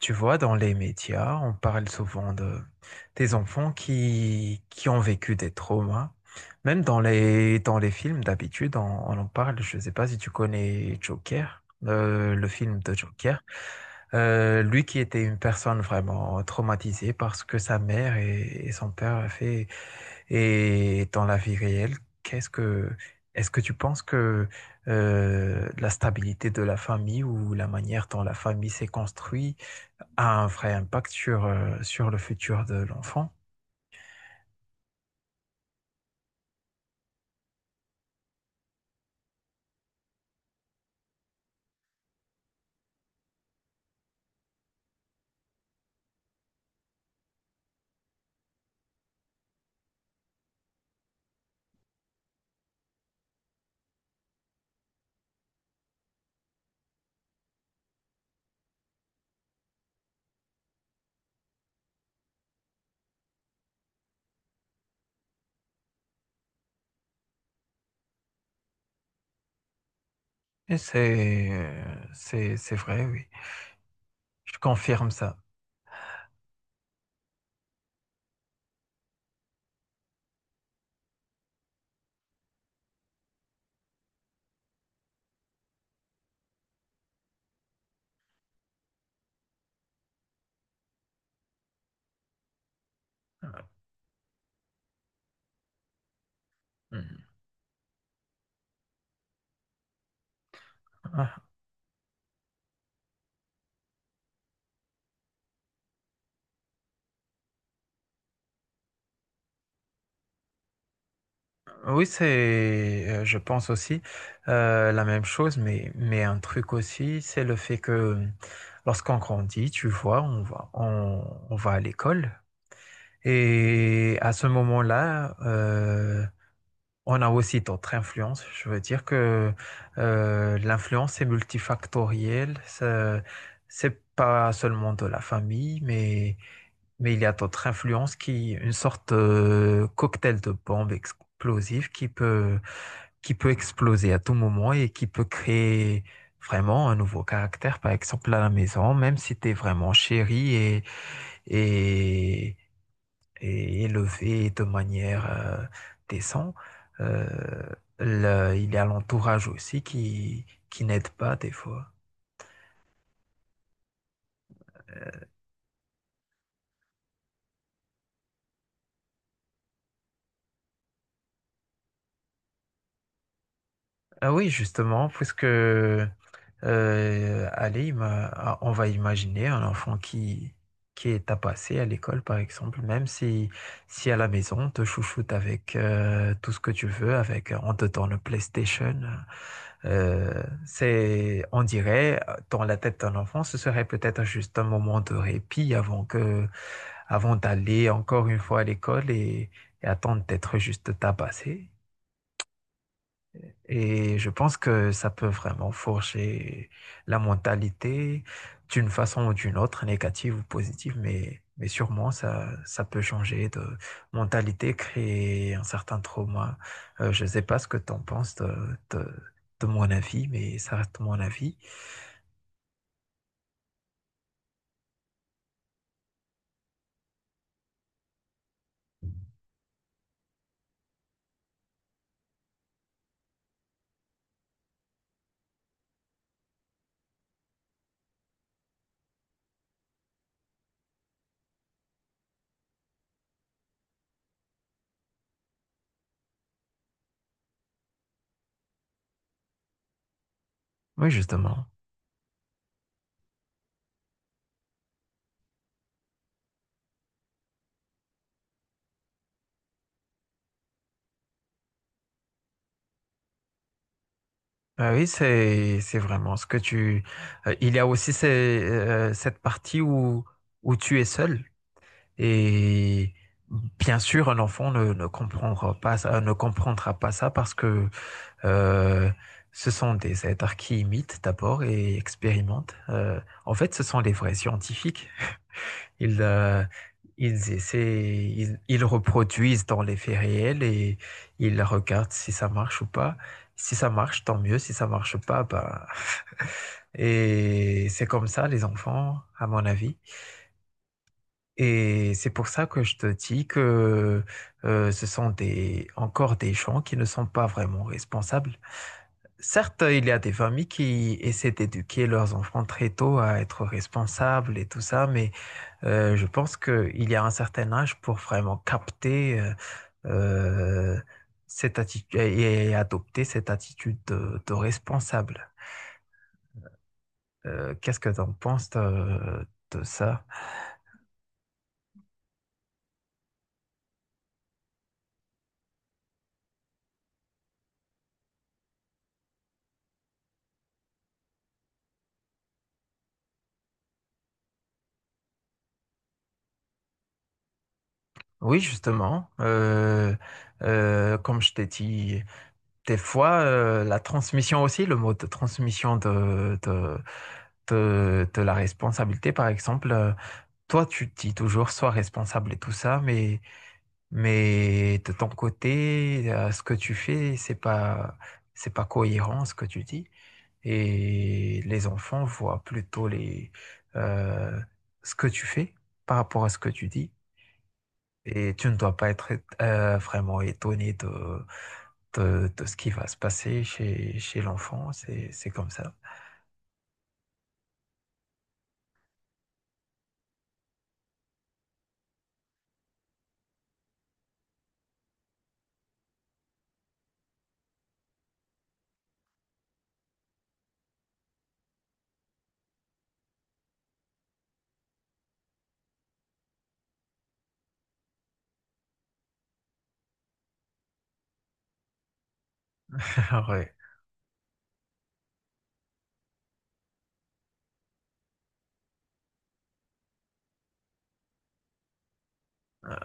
Tu vois, dans les médias, on parle souvent de des enfants qui ont vécu des traumas. Même dans les films, d'habitude, on en parle. Je ne sais pas si tu connais Joker, le film de Joker. Lui qui était une personne vraiment traumatisée parce que sa mère et son père a fait, et dans la vie réelle, qu'est-ce que, est-ce que tu penses que la stabilité de la famille ou la manière dont la famille s'est construite a un vrai impact sur, sur le futur de l'enfant et c'est, c'est vrai, oui. Je confirme ça. Heu, mmh, oui, c'est, je pense aussi, la même chose, mais un truc aussi, c'est le fait que, lorsqu'on grandit, tu vois, on va à l'école et à ce moment-là, on a aussi d'autres influences. Je veux dire que l'influence est multifactorielle. Ce c'est pas seulement de la famille, mais il y a d'autres influences qui, une sorte de cocktail de bombe explosive qui peut exploser à tout moment et qui peut créer vraiment un nouveau caractère, par exemple à la maison, même si tu es vraiment chéri et et élevé de manière décente. Euh, il y a l'entourage aussi qui n'aide pas des fois. Ah oui, justement, puisque allez, on va imaginer un enfant qui est tabassé à l'école, par exemple, même si, si à la maison, on te chouchoute avec tout ce que tu veux, avec, on te donne le PlayStation. C'est, on dirait, dans la tête d'un enfant, ce serait peut-être juste un moment de répit avant que, avant d'aller encore une fois à l'école et attendre d'être juste tabassé. Et je pense que ça peut vraiment forger la mentalité d'une façon ou d'une autre, négative ou positive, mais sûrement ça, ça peut changer de mentalité, créer un certain trauma. Je ne sais pas ce que tu en penses de, de, de mon avis, mais ça reste mon avis. Oui, justement. Ah oui, c'est vraiment ce que tu... il y a aussi cette partie où, où tu es seul. Et bien sûr, un enfant ne comprendra pas ça, ne comprendra pas ça parce que euh, ce sont des êtres qui imitent d'abord et expérimentent. En fait, ce sont les vrais scientifiques. Ils, euh, ils essaient, ils reproduisent dans les faits réels et ils regardent si ça marche ou pas. Si ça marche, tant mieux. Si ça marche pas, bah... Et c'est comme ça, les enfants, à mon avis. Et c'est pour ça que je te dis que ce sont encore des gens qui ne sont pas vraiment responsables. Certes, il y a des familles qui essaient d'éduquer leurs enfants très tôt à être responsables et tout ça, mais je pense qu'il y a un certain âge pour vraiment capter euh, cette attitude et adopter cette attitude de responsable. Qu'est-ce que tu en penses de ça? Oui, justement. Comme je t'ai dit, des fois, la transmission aussi, le mode de transmission de la responsabilité, par exemple, toi, tu te dis toujours sois responsable et tout ça, mais de ton côté, ce que tu fais, c'est pas cohérent ce que tu dis. Et les enfants voient plutôt euh, ce que tu fais par rapport à ce que tu dis. Et tu ne dois pas être vraiment étonné de, de ce qui va se passer chez, chez l'enfant. C'est comme ça. Ouais. Euh,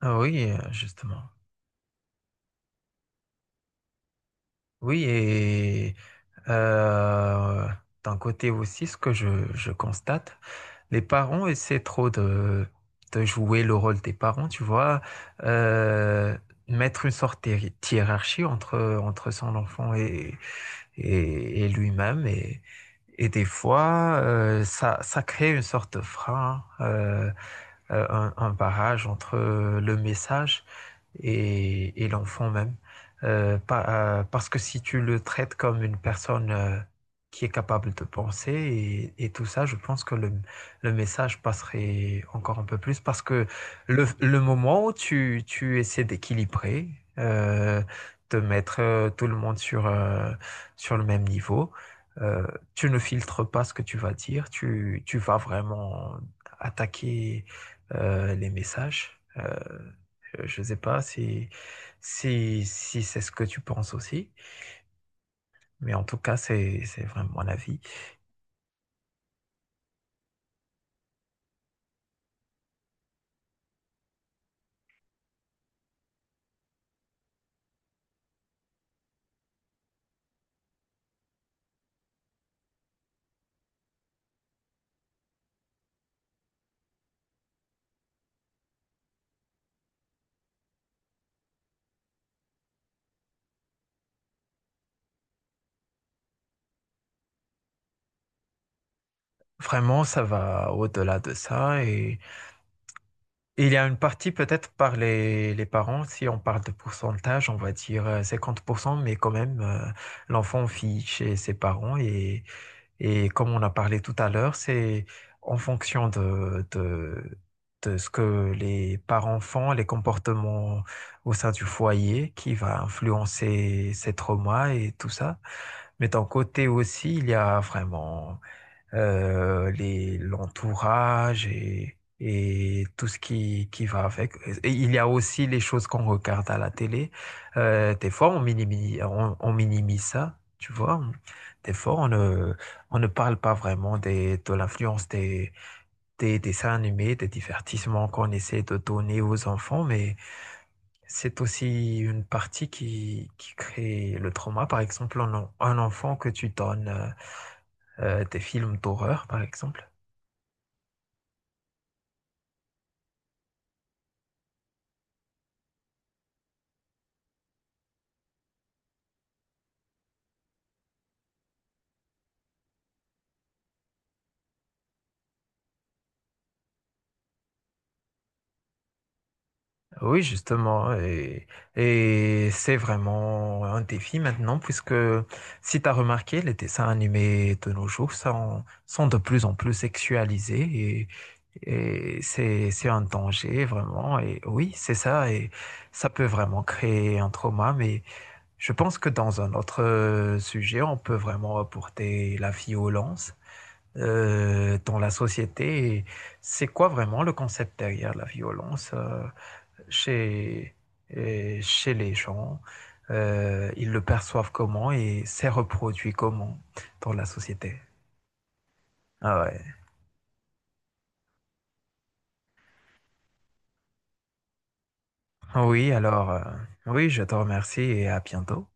ah oui, justement. Oui, et euh, d'un côté aussi, ce que je constate, les parents essaient trop de jouer le rôle des parents, tu vois, euh, mettre une sorte hiérarchie entre, entre son enfant et, et lui-même. Et des fois, ça crée une sorte de frein, un barrage entre le message et l'enfant même. Parce que si tu le traites comme une personne qui est capable de penser et tout ça, je pense que le message passerait encore un peu plus parce que le moment où tu essaies d'équilibrer, euh, de mettre tout le monde sur, sur le même niveau, euh, tu ne filtres pas ce que tu vas dire, tu vas vraiment attaquer les messages. Je ne sais pas si, si c'est ce que tu penses aussi, mais en tout cas, c'est vraiment mon avis. Vraiment, ça va au-delà de ça. Et il y a une partie peut-être par les parents, si on parle de pourcentage, on va dire 50%, mais quand même, l'enfant fiche chez ses parents et comme on a parlé tout à l'heure, c'est en fonction de ce que les parents font, les comportements au sein du foyer qui va influencer ces traumas et tout ça. Mais d'un côté aussi, il y a vraiment l'entourage et tout ce qui va avec. Et il y a aussi les choses qu'on regarde à la télé. Des fois, on minimise, on minimise ça, tu vois. Des fois, on ne parle pas vraiment des, de l'influence des dessins animés, des divertissements qu'on essaie de donner aux enfants, mais c'est aussi une partie qui crée le trauma. Par exemple, un enfant que tu donnes des films d'horreur, par exemple. Oui, justement, et c'est vraiment un défi maintenant, puisque si tu as remarqué, les dessins animés de nos jours sont, sont de plus en plus sexualisés et c'est un danger vraiment. Et oui, c'est ça, et ça peut vraiment créer un trauma, mais je pense que dans un autre sujet, on peut vraiment apporter la violence dans la société. Et c'est quoi vraiment le concept derrière la violence? Chez, Chez les gens, ils le perçoivent comment et c'est reproduit comment dans la société. Ah ouais. Oui, alors, oui, je te remercie et à bientôt.